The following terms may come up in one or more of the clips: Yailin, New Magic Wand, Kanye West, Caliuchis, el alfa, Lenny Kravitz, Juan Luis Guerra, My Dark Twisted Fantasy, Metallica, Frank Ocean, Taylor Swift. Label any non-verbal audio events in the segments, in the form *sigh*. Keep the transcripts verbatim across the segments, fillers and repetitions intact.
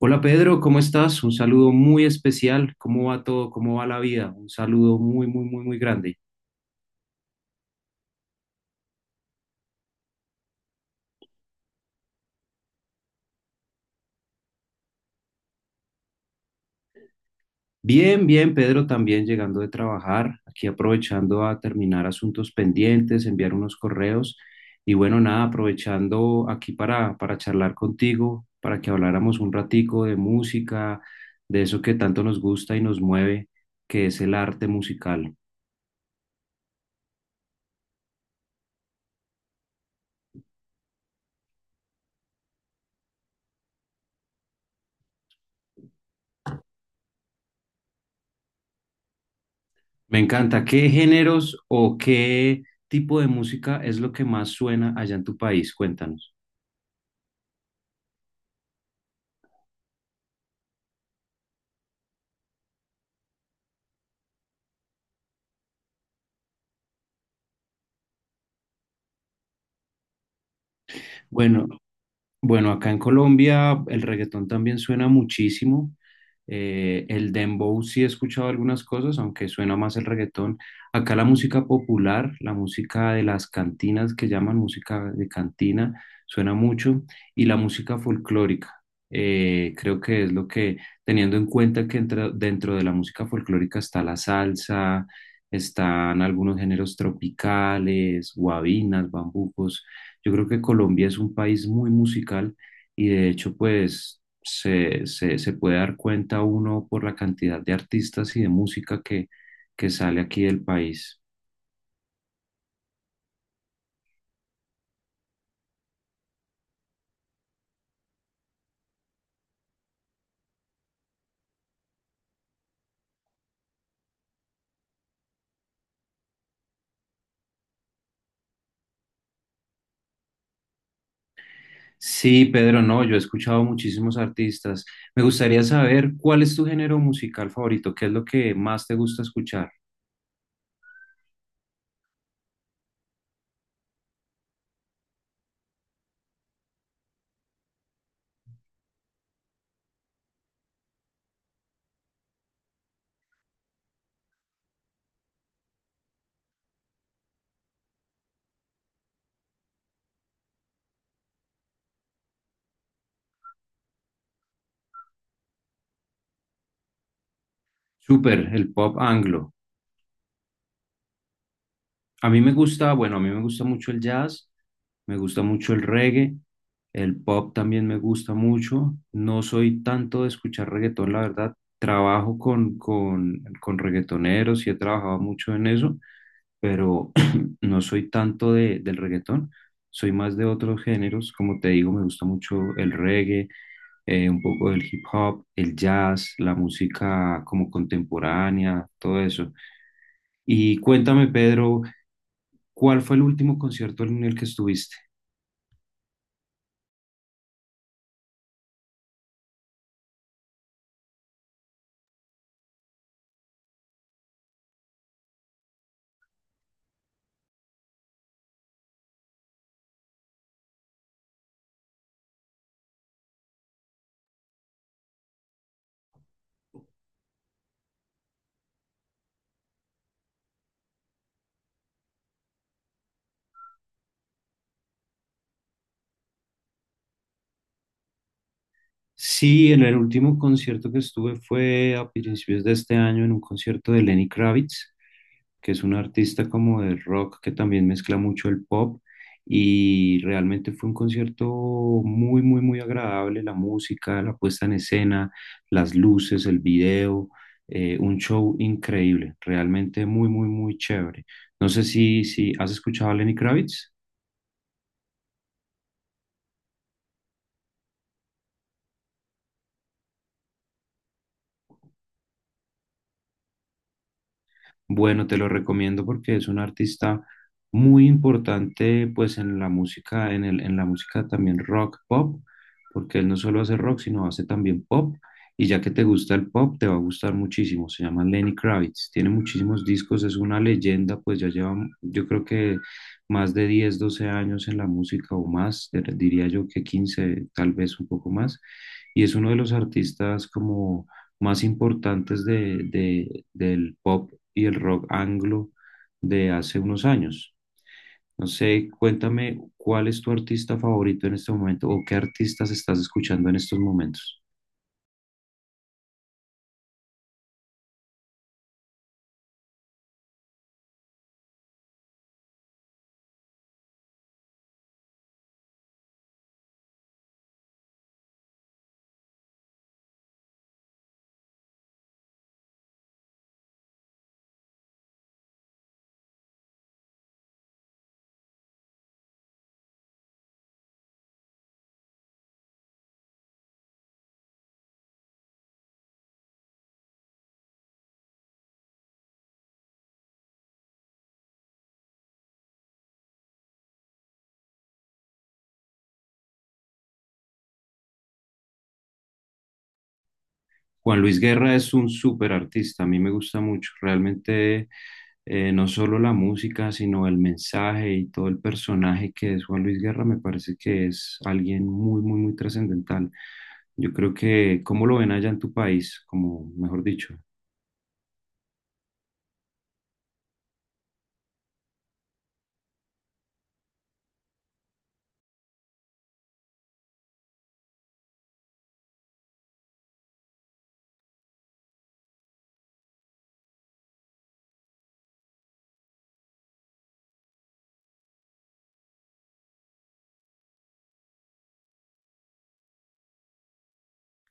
Hola Pedro, ¿cómo estás? Un saludo muy especial. ¿Cómo va todo? ¿Cómo va la vida? Un saludo muy, muy, muy, muy grande. Bien, bien, Pedro, también llegando de trabajar, aquí aprovechando a terminar asuntos pendientes, enviar unos correos y bueno, nada, aprovechando aquí para, para charlar contigo, para que habláramos un ratico de música, de eso que tanto nos gusta y nos mueve, que es el arte musical. Me encanta. ¿Qué géneros o qué tipo de música es lo que más suena allá en tu país? Cuéntanos. Bueno, Bueno, acá en Colombia el reggaetón también suena muchísimo. Eh, el dembow sí he escuchado algunas cosas, aunque suena más el reggaetón. Acá la música popular, la música de las cantinas que llaman música de cantina, suena mucho. Y la música folclórica, eh, creo que es lo que, teniendo en cuenta que entra- dentro de la música folclórica está la salsa, están algunos géneros tropicales, guabinas, bambucos. Yo creo que Colombia es un país muy musical y de hecho pues se, se, se puede dar cuenta uno por la cantidad de artistas y de música que, que sale aquí del país. Sí, Pedro, no, yo he escuchado muchísimos artistas. Me gustaría saber cuál es tu género musical favorito, qué es lo que más te gusta escuchar. Súper, el pop anglo. A mí me gusta, bueno, a mí me gusta mucho el jazz, me gusta mucho el reggae, el pop también me gusta mucho. No soy tanto de escuchar reggaetón, la verdad. Trabajo con, con, con reggaetoneros y he trabajado mucho en eso, pero *clears throat* no soy tanto de, del reggaetón. Soy más de otros géneros, como te digo, me gusta mucho el reggae, eh, un poco del hip hop, el jazz, la música como contemporánea, todo eso. Y cuéntame, Pedro, ¿cuál fue el último concierto en el que estuviste? Sí, en el último concierto que estuve fue a principios de este año en un concierto de Lenny Kravitz, que es un artista como de rock que también mezcla mucho el pop y realmente fue un concierto muy, muy, muy agradable, la música, la puesta en escena, las luces, el video, eh, un show increíble, realmente muy, muy, muy chévere. No sé si, si has escuchado a Lenny Kravitz. Bueno, te lo recomiendo porque es un artista muy importante pues en la música, en el, en la música también rock pop, porque él no solo hace rock, sino hace también pop. Y ya que te gusta el pop, te va a gustar muchísimo. Se llama Lenny Kravitz, tiene muchísimos discos, es una leyenda, pues ya lleva, yo creo que más de diez doce años en la música o más, eh, diría yo que quince tal vez un poco más. Y es uno de los artistas como más importantes de, de- del pop y el rock anglo de hace unos años. No sé, cuéntame cuál es tu artista favorito en este momento o qué artistas estás escuchando en estos momentos. Juan Luis Guerra es un súper artista, a mí me gusta mucho, realmente eh, no solo la música, sino el mensaje y todo el personaje que es Juan Luis Guerra, me parece que es alguien muy, muy, muy trascendental. Yo creo que, ¿cómo lo ven allá en tu país? Como, mejor dicho,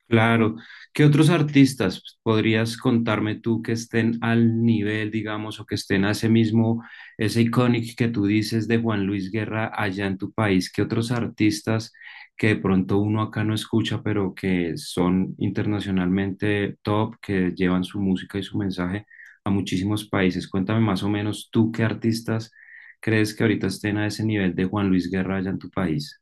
claro. ¿Qué otros artistas podrías contarme tú que estén al nivel, digamos, o que estén a ese mismo, ese icónico que tú dices de Juan Luis Guerra allá en tu país? ¿Qué otros artistas que de pronto uno acá no escucha, pero que son internacionalmente top, que llevan su música y su mensaje a muchísimos países? Cuéntame más o menos tú qué artistas crees que ahorita estén a ese nivel de Juan Luis Guerra allá en tu país.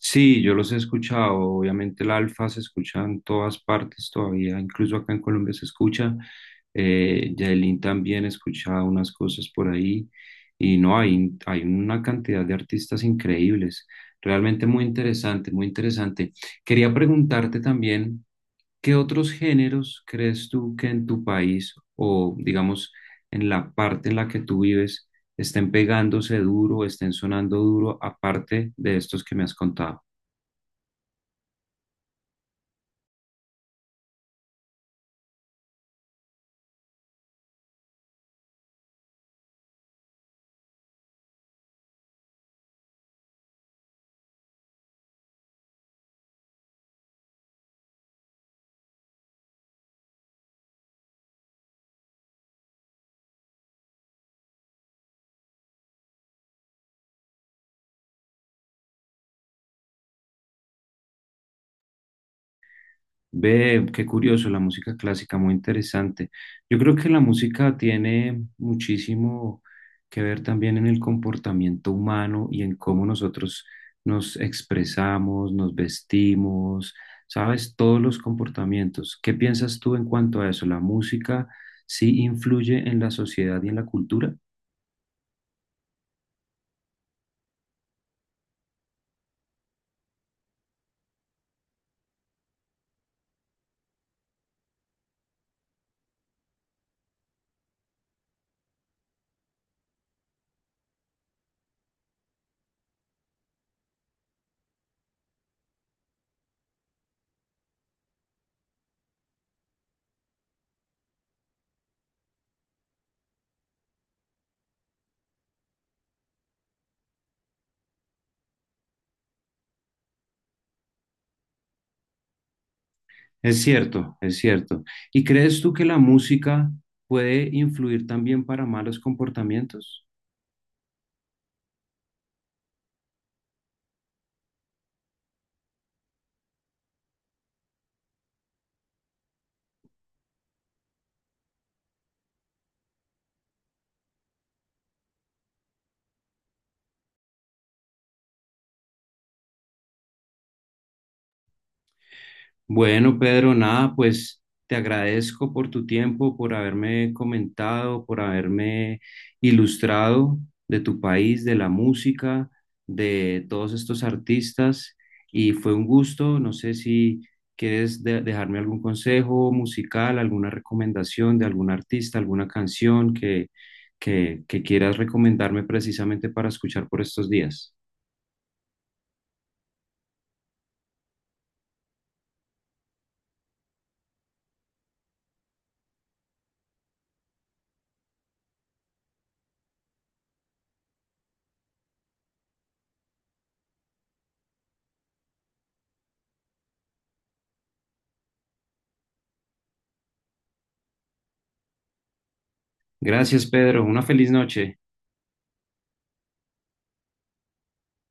Sí, yo los he escuchado. Obviamente el alfa se escucha en todas partes todavía, incluso acá en Colombia se escucha. Eh, Yailin también escucha unas cosas por ahí. Y no, hay, hay una cantidad de artistas increíbles. Realmente muy interesante, muy interesante. Quería preguntarte también, ¿qué otros géneros crees tú que en tu país o digamos en la parte en la que tú vives estén pegándose duro, estén sonando duro, aparte de estos que me has contado? Ve, qué curioso, la música clásica, muy interesante. Yo creo que la música tiene muchísimo que ver también en el comportamiento humano y en cómo nosotros nos expresamos, nos vestimos, sabes, todos los comportamientos. ¿Qué piensas tú en cuanto a eso? ¿La música sí influye en la sociedad y en la cultura? Es cierto, es cierto. ¿Y crees tú que la música puede influir también para malos comportamientos? Bueno, Pedro, nada, pues te agradezco por tu tiempo, por haberme comentado, por haberme ilustrado de tu país, de la música, de todos estos artistas. Y fue un gusto. No sé si quieres de- dejarme algún consejo musical, alguna recomendación de algún artista, alguna canción que, que, que quieras recomendarme precisamente para escuchar por estos días. Gracias, Pedro. Una feliz noche.